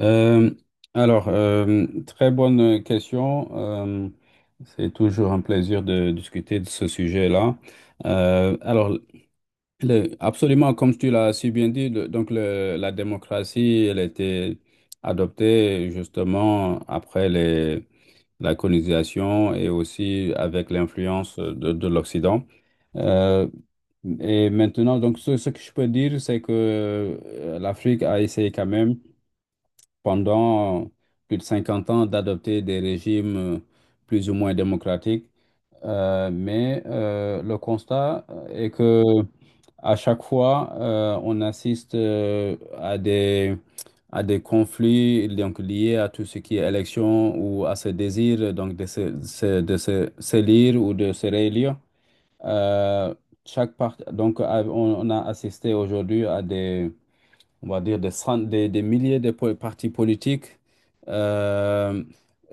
Euh, très bonne question. C'est toujours un plaisir de discuter de ce sujet-là. Euh, alors, absolument, comme tu l'as si bien dit, la démocratie, elle a été adoptée justement après la colonisation et aussi avec l'influence de l'Occident. Euh, et maintenant, donc, ce que je peux dire, c'est que l'Afrique a essayé quand même pendant plus de 50 ans d'adopter des régimes plus ou moins démocratiques. Mais le constat est que à chaque fois, on assiste à à des conflits donc, liés à tout ce qui est élection ou à ce désir donc, de se, se- de se- s'élire ou de se réélire. Euh, chaque part, donc, on a assisté aujourd'hui à des on va dire des milliers de partis politiques. euh,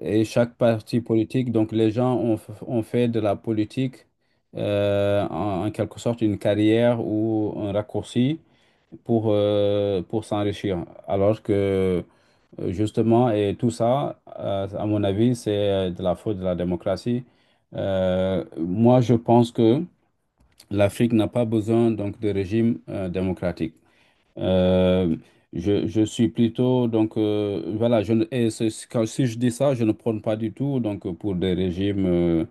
et chaque parti politique, donc les gens ont fait de la politique, en quelque sorte une carrière ou un raccourci pour s'enrichir. Alors que justement, et tout ça, à mon avis, c'est de la faute de la démocratie. Moi, je pense que l'Afrique n'a pas besoin donc de régime démocratique. Euh, je suis plutôt, donc, voilà, je, ne- et c'est- quand, si je dis ça, je ne prône pas du tout donc, pour des régimes euh,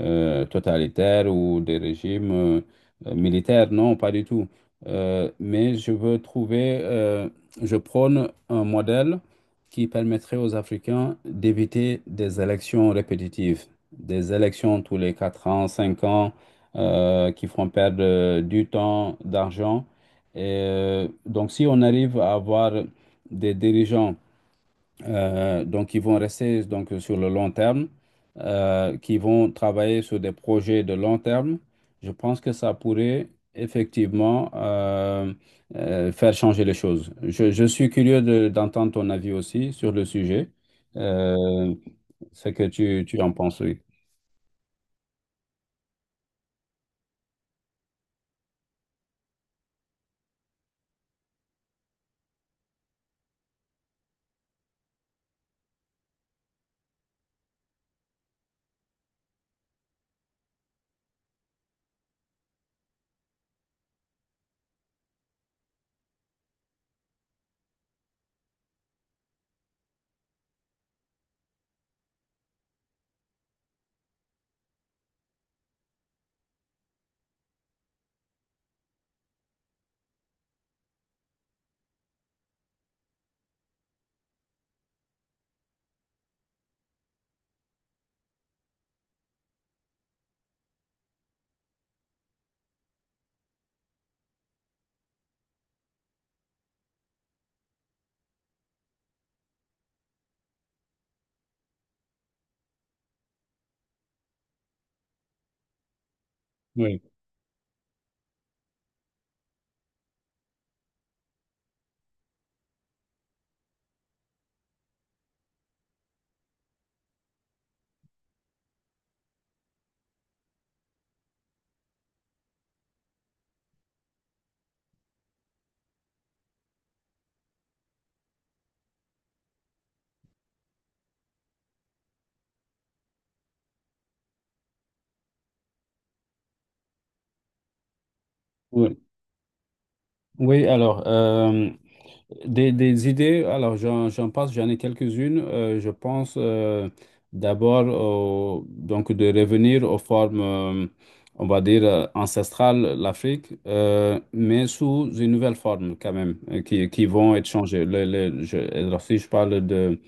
euh, totalitaires ou des régimes militaires, non, pas du tout. Mais je prône un modèle qui permettrait aux Africains d'éviter des élections répétitives, des élections tous les 4 ans, 5 ans, qui font perdre du temps, d'argent. Et donc, si on arrive à avoir des dirigeants, donc, qui vont rester donc, sur le long terme, qui vont travailler sur des projets de long terme, je pense que ça pourrait effectivement faire changer les choses. Je suis curieux d'entendre ton avis aussi sur le sujet, euh, ce que tu en penses, oui. Oui. Oui. Oui, alors, des idées, alors j'en passe, j'en ai quelques-unes. Je pense, d'abord, donc de revenir aux formes, on va dire, ancestrales, l'Afrique, mais sous une nouvelle forme quand même, qui vont être changées. Si je parle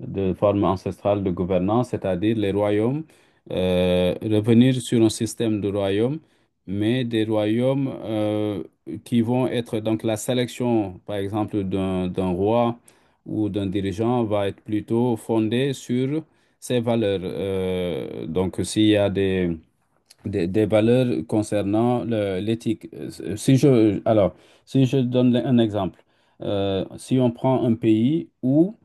de forme ancestrale de gouvernance, c'est-à-dire les royaumes. Euh, revenir sur un système de royaumes, mais des royaumes qui vont être, donc la sélection, par exemple, d'un roi ou d'un dirigeant va être plutôt fondée sur ses valeurs. Donc, s'il y a des valeurs concernant l'éthique. Si je donne un exemple, si on prend un pays où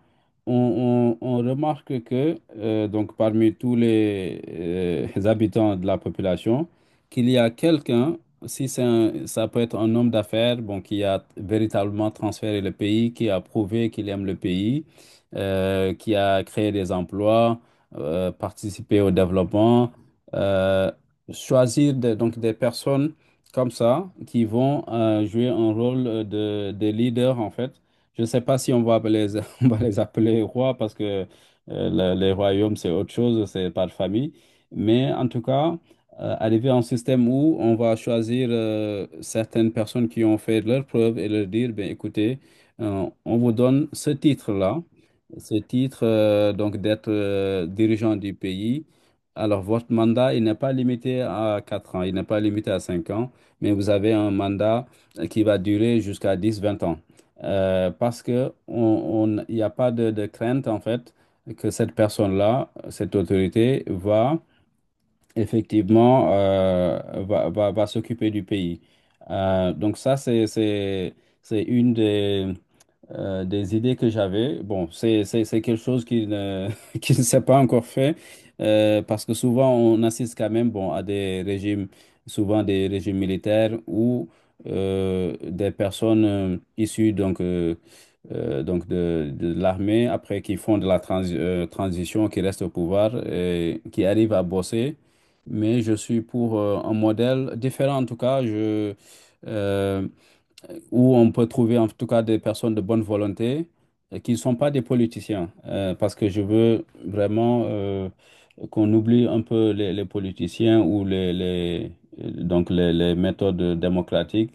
on remarque que donc parmi tous les habitants de la population, qu'il y a quelqu'un. Si c'est un- ça peut être un homme d'affaires, bon, qui a véritablement transféré le pays, qui a prouvé qu'il aime le pays, qui a créé des emplois, participé au développement, euh, choisir donc des personnes comme ça qui vont jouer un rôle de leader en fait. Je ne sais pas si on va appeler on va les appeler rois, parce que les royaumes, c'est autre chose, c'est par famille. Mais en tout cas, arriver à un système où on va choisir certaines personnes qui ont fait leurs preuves et leur dire, ben, écoutez, on vous donne ce titre-là, ce titre, donc d'être, dirigeant du pays. Alors, votre mandat, il n'est pas limité à 4 ans, il n'est pas limité à 5 ans, mais vous avez un mandat qui va durer jusqu'à 10, 20 ans, parce que il n'y a pas de crainte en fait que cette personne-là, cette autorité, va effectivement, va s'occuper du pays. Donc ça, c'est une des idées que j'avais. Bon, c'est quelque chose qui ne, qui ne s'est pas encore fait, parce que souvent on assiste quand même, bon, à des régimes, souvent des régimes militaires où des personnes issues donc de l'armée, après qui font de la transition, qui restent au pouvoir, et qui arrivent à bosser. Mais je suis pour, un modèle différent en tout cas. Je, euh, où on peut trouver en tout cas des personnes de bonne volonté qui ne sont pas des politiciens, parce que je veux vraiment qu'on oublie un peu les politiciens ou donc les méthodes démocratiques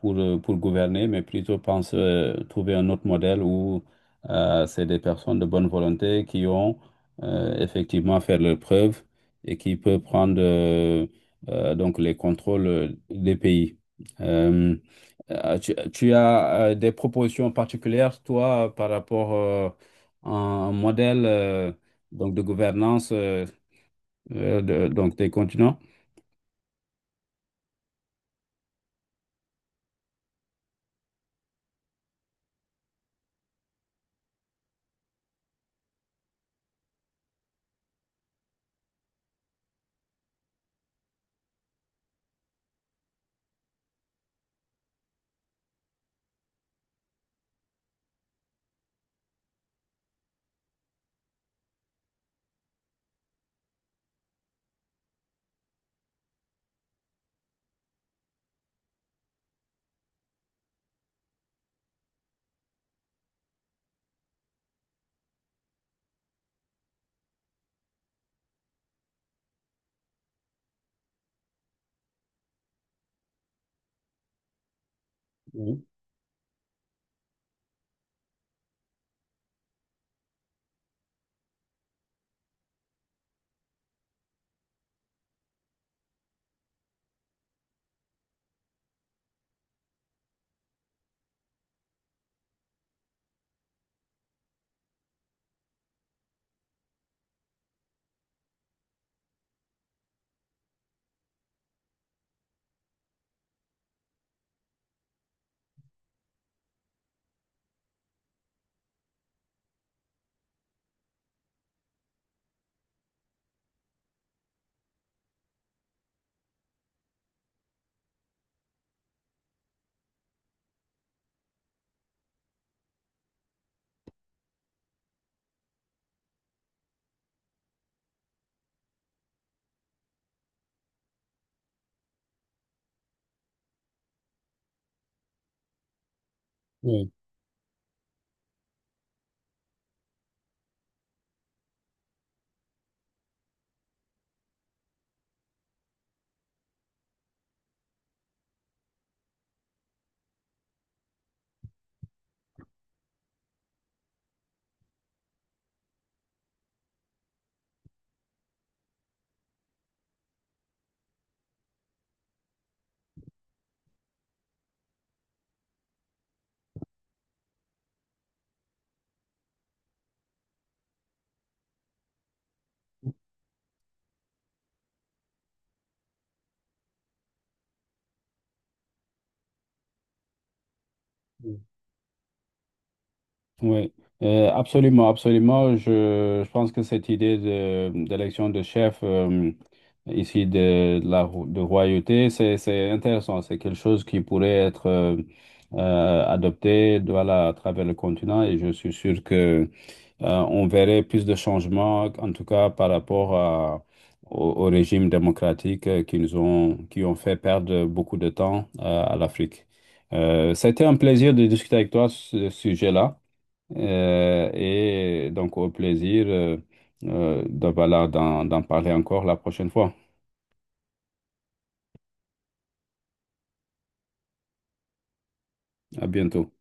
pour gouverner, mais plutôt pense trouver un autre modèle où c'est des personnes de bonne volonté qui ont, effectivement fait leurs preuves et qui peuvent prendre donc les contrôles des pays. Euh, tu as, des propositions particulières, toi, par rapport, à un modèle, donc de gouvernance, donc des continents? Oui, oui, oui. Oui. Absolument, absolument. Je pense que cette idée d'élection de chef, ici de royauté, c'est intéressant. C'est quelque chose qui pourrait être adopté, voilà, à travers le continent, et je suis sûr que on verrait plus de changements, en tout cas par rapport au régime démocratique qui ont fait perdre beaucoup de temps à l'Afrique. C'était un plaisir de discuter avec toi ce sujet-là. Et donc au plaisir, voilà, d'en parler encore la prochaine fois. À bientôt.